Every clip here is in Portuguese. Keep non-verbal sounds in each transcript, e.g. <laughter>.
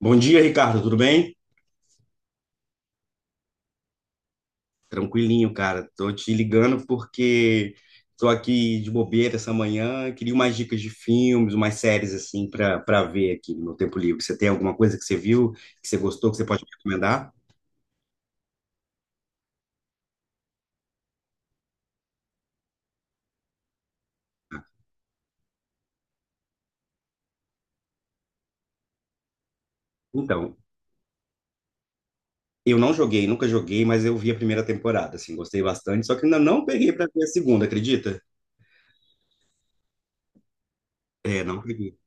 Bom dia, Ricardo, tudo bem? Tranquilinho, cara. Tô te ligando porque tô aqui de bobeira essa manhã, queria umas dicas de filmes, umas séries assim para ver aqui no meu tempo livre. Você tem alguma coisa que você viu, que você gostou, que você pode me recomendar? Então, eu não joguei, nunca joguei, mas eu vi a primeira temporada, assim, gostei bastante, só que ainda não peguei para ver a segunda, acredita? É, não peguei.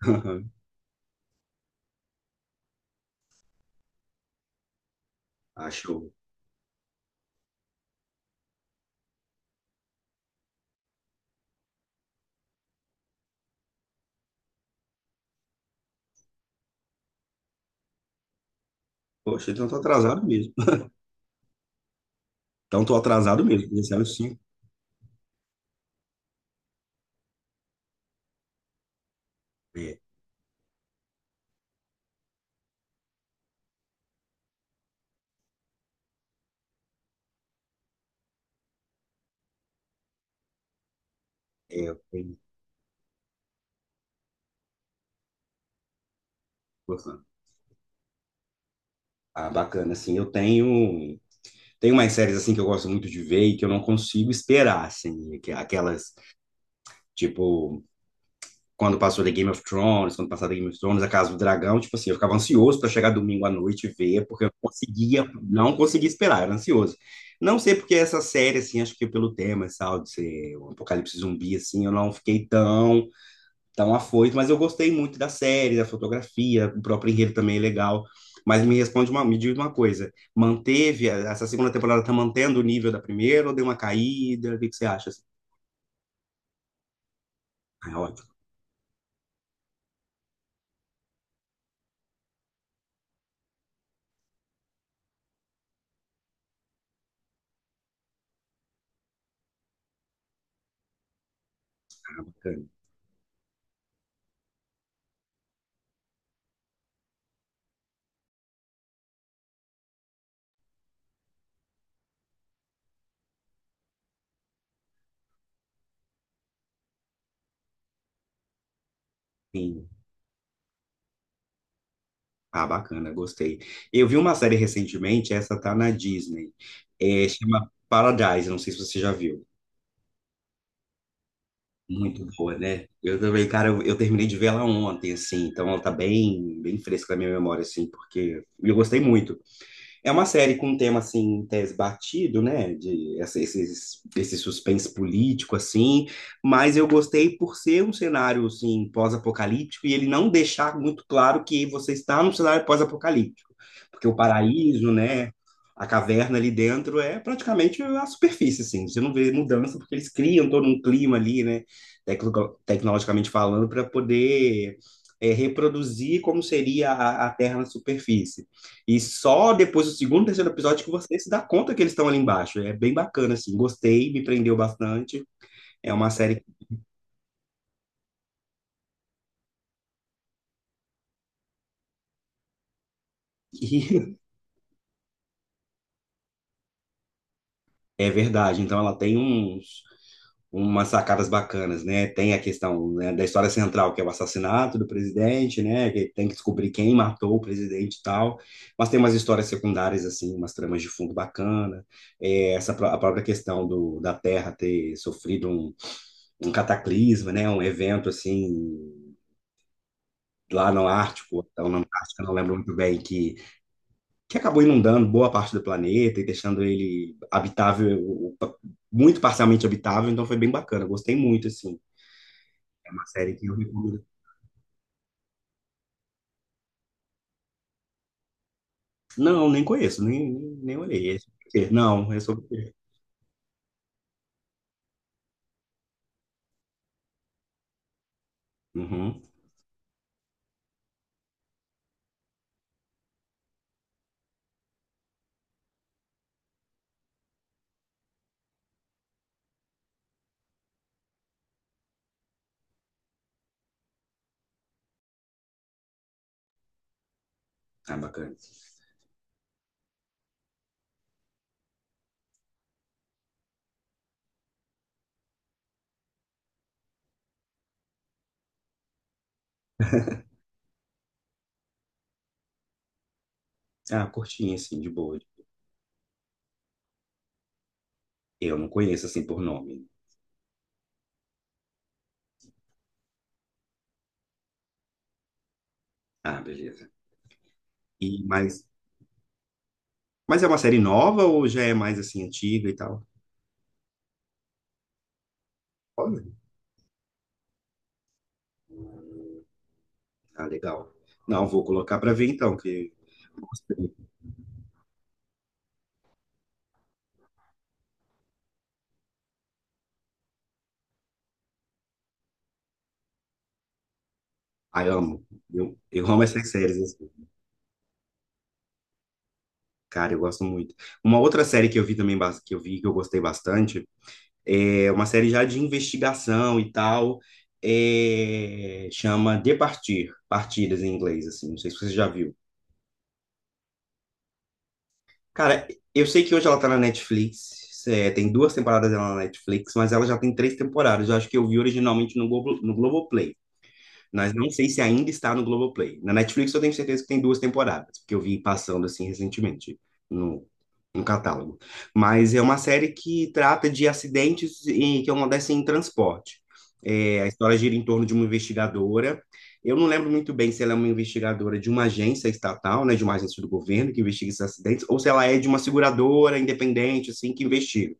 <laughs> Achou. Poxa, então tô atrasado mesmo. Então tô atrasado mesmo, iniciaram cinco. É, é, eu tenho- Ah, bacana, assim, tenho umas séries, assim, que eu gosto muito de ver e que eu não consigo esperar, assim, que- aquelas, tipo, quando passou The Game of Thrones, A Casa do Dragão, tipo assim, eu ficava ansioso para chegar domingo à noite e ver, porque eu não conseguia esperar, era ansioso. Não sei porque essa série, assim, acho que pelo tema, sabe, de ser um apocalipse zumbi, assim, eu não fiquei tão afoito, mas eu gostei muito da série, da fotografia, o próprio enredo também é legal. Mas me diz uma coisa, manteve, essa segunda temporada tá mantendo o nível da primeira ou deu uma caída? O que que você acha, assim? Ah, ótimo, bacana. Sim. Ah, bacana, gostei. Eu vi uma série recentemente, essa tá na Disney, chama Paradise, não sei se você já viu. Muito boa, né? Eu também, cara, eu terminei de ver ela ontem, assim, então ela tá bem fresca na minha memória, assim, porque eu gostei muito. É uma série com um tema, assim, em tese batido, né? Esse suspense político, assim. Mas eu gostei por ser um cenário, assim, pós-apocalíptico e ele não deixar muito claro que você está num cenário pós-apocalíptico. Porque o paraíso, né? A caverna ali dentro é praticamente a superfície, assim. Você não vê mudança porque eles criam todo um clima ali, né? Tecnologicamente falando, para poder reproduzir como seria a Terra na superfície. E só depois do segundo, terceiro episódio que você se dá conta que eles estão ali embaixo. É bem bacana, assim. Gostei, me prendeu bastante. É uma série que <laughs> é verdade. Então ela tem umas sacadas bacanas, né? Tem a questão, né, da história central, que é o assassinato do presidente, né? Que tem que descobrir quem matou o presidente e tal. Mas tem umas histórias secundárias, assim, umas tramas de fundo bacana. A própria questão da Terra ter sofrido um cataclisma, né? Um evento, assim lá no Ártico, então na Antártica, não lembro muito bem, que acabou inundando boa parte do planeta e deixando ele habitável, muito parcialmente habitável, então foi bem bacana, gostei muito, assim. É uma série que eu recomendo. Não, nem conheço, nem olhei. É sobre o quê? Não, é sobre o quê? Uhum. Ah, bacana. <laughs> Ah, curtinha, assim, de boa. Eu não conheço, assim, por nome. Ah, beleza. E, mas, mas é uma série nova ou já é mais, assim, antiga e tal? Olha. Ah, legal. Não, vou colocar para ver então, que Ah, eu amo. Eu amo essas séries, assim. Cara, eu gosto muito. Uma outra série que eu vi também, que eu gostei bastante, é uma série já de investigação e tal, chama De Partir, Partidas em inglês, assim, não sei se você já viu. Cara, eu sei que hoje ela tá na Netflix, tem duas temporadas dela na Netflix, mas ela já tem três temporadas, eu acho que eu vi originalmente no Globo, no Globoplay. Mas não sei se ainda está no Globoplay. Na Netflix eu tenho certeza que tem duas temporadas, porque eu vi passando assim recentemente no, no catálogo. Mas é uma série que trata de que acontecem em transporte. É, a história gira em torno de uma investigadora. Eu não lembro muito bem se ela é uma investigadora de uma agência estatal, né, de uma agência do governo que investiga esses acidentes, ou se ela é de uma seguradora independente, assim, que investiga.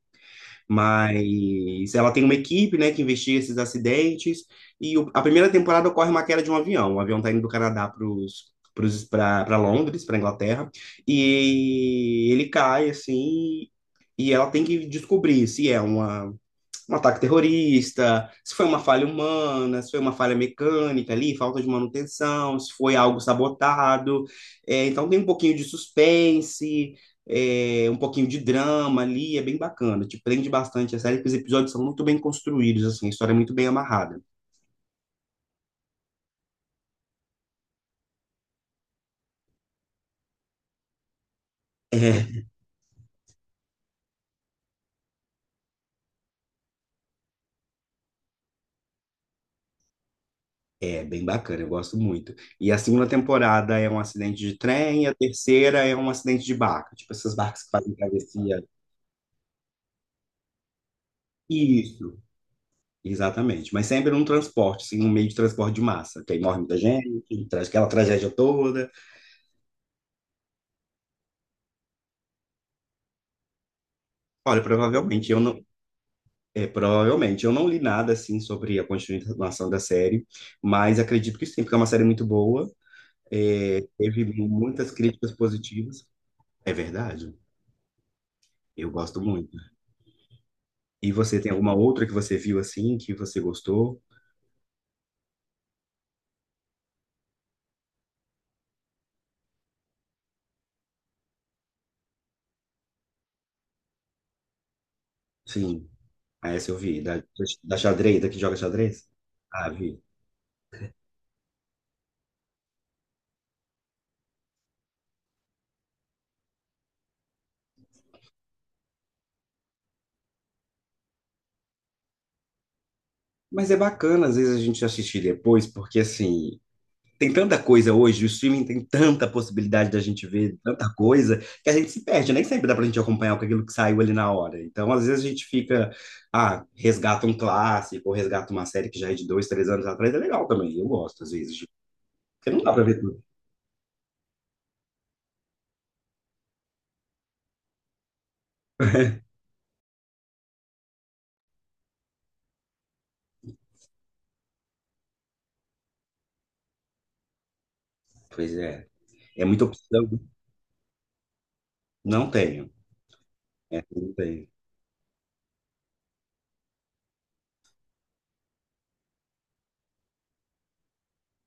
Mas ela tem uma equipe, né, que investiga esses acidentes. A primeira temporada ocorre uma queda de um avião. O avião está indo do Canadá para Londres, para Inglaterra, e ele cai assim, e ela tem que descobrir se é um ataque terrorista, se foi uma falha humana, se foi uma falha mecânica ali, falta de manutenção, se foi algo sabotado. É, então tem um pouquinho de suspense, um pouquinho de drama ali, é bem bacana. Te prende bastante a série, porque os episódios são muito bem construídos, assim, a história é muito bem amarrada. É bem bacana, eu gosto muito. E a segunda temporada é um acidente de trem, e a terceira é um acidente de barca, tipo essas barcas que fazem travessia. Isso. Exatamente, mas sempre num transporte, assim, um meio de transporte de massa, que aí morre muita gente, traz aquela tragédia toda. Olha, provavelmente eu não li nada assim sobre a continuação da série, mas acredito que sim, porque é uma série muito boa, teve muitas críticas positivas. É verdade, eu gosto muito. E você tem alguma outra que você viu assim que você gostou? Sim, ah, essa eu vi, da xadrez, da que joga xadrez? Ah, vi. Mas é bacana, às vezes, a gente assistir depois, porque assim, tem tanta coisa hoje, o streaming tem tanta possibilidade da gente ver tanta coisa, que a gente se perde, nem sempre dá pra gente acompanhar com aquilo que saiu ali na hora. Então, às vezes a gente fica, ah, resgata um clássico, ou resgata uma série que já é de dois, três anos atrás, é legal também, eu gosto às vezes, de- porque não dá pra ver tudo. Pois é, é muita opção, não tenho, não tenho,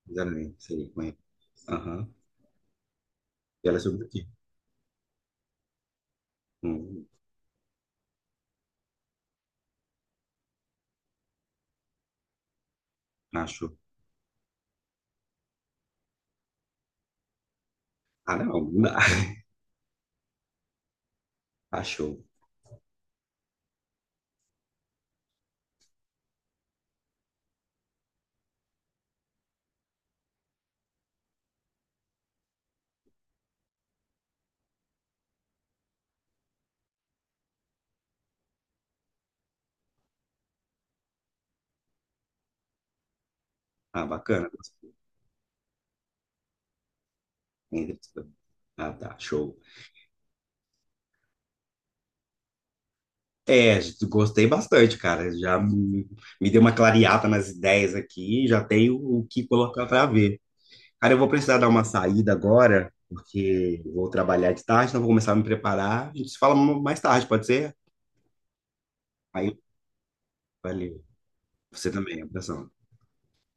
exatamente, sei, conheço. Aham, e ela é sobre o quê? Hum, acho. Ah, não, não dá. <laughs> Ah, show. Ah, bacana. Ah, tá, show. É, gostei bastante, cara. Já me me deu uma clareada nas ideias aqui, já tenho o que colocar para ver. Cara, eu vou precisar dar uma saída agora, porque vou trabalhar de tarde, então vou começar a me preparar. A gente se fala mais tarde, pode ser? Aí, valeu. Você também, abração.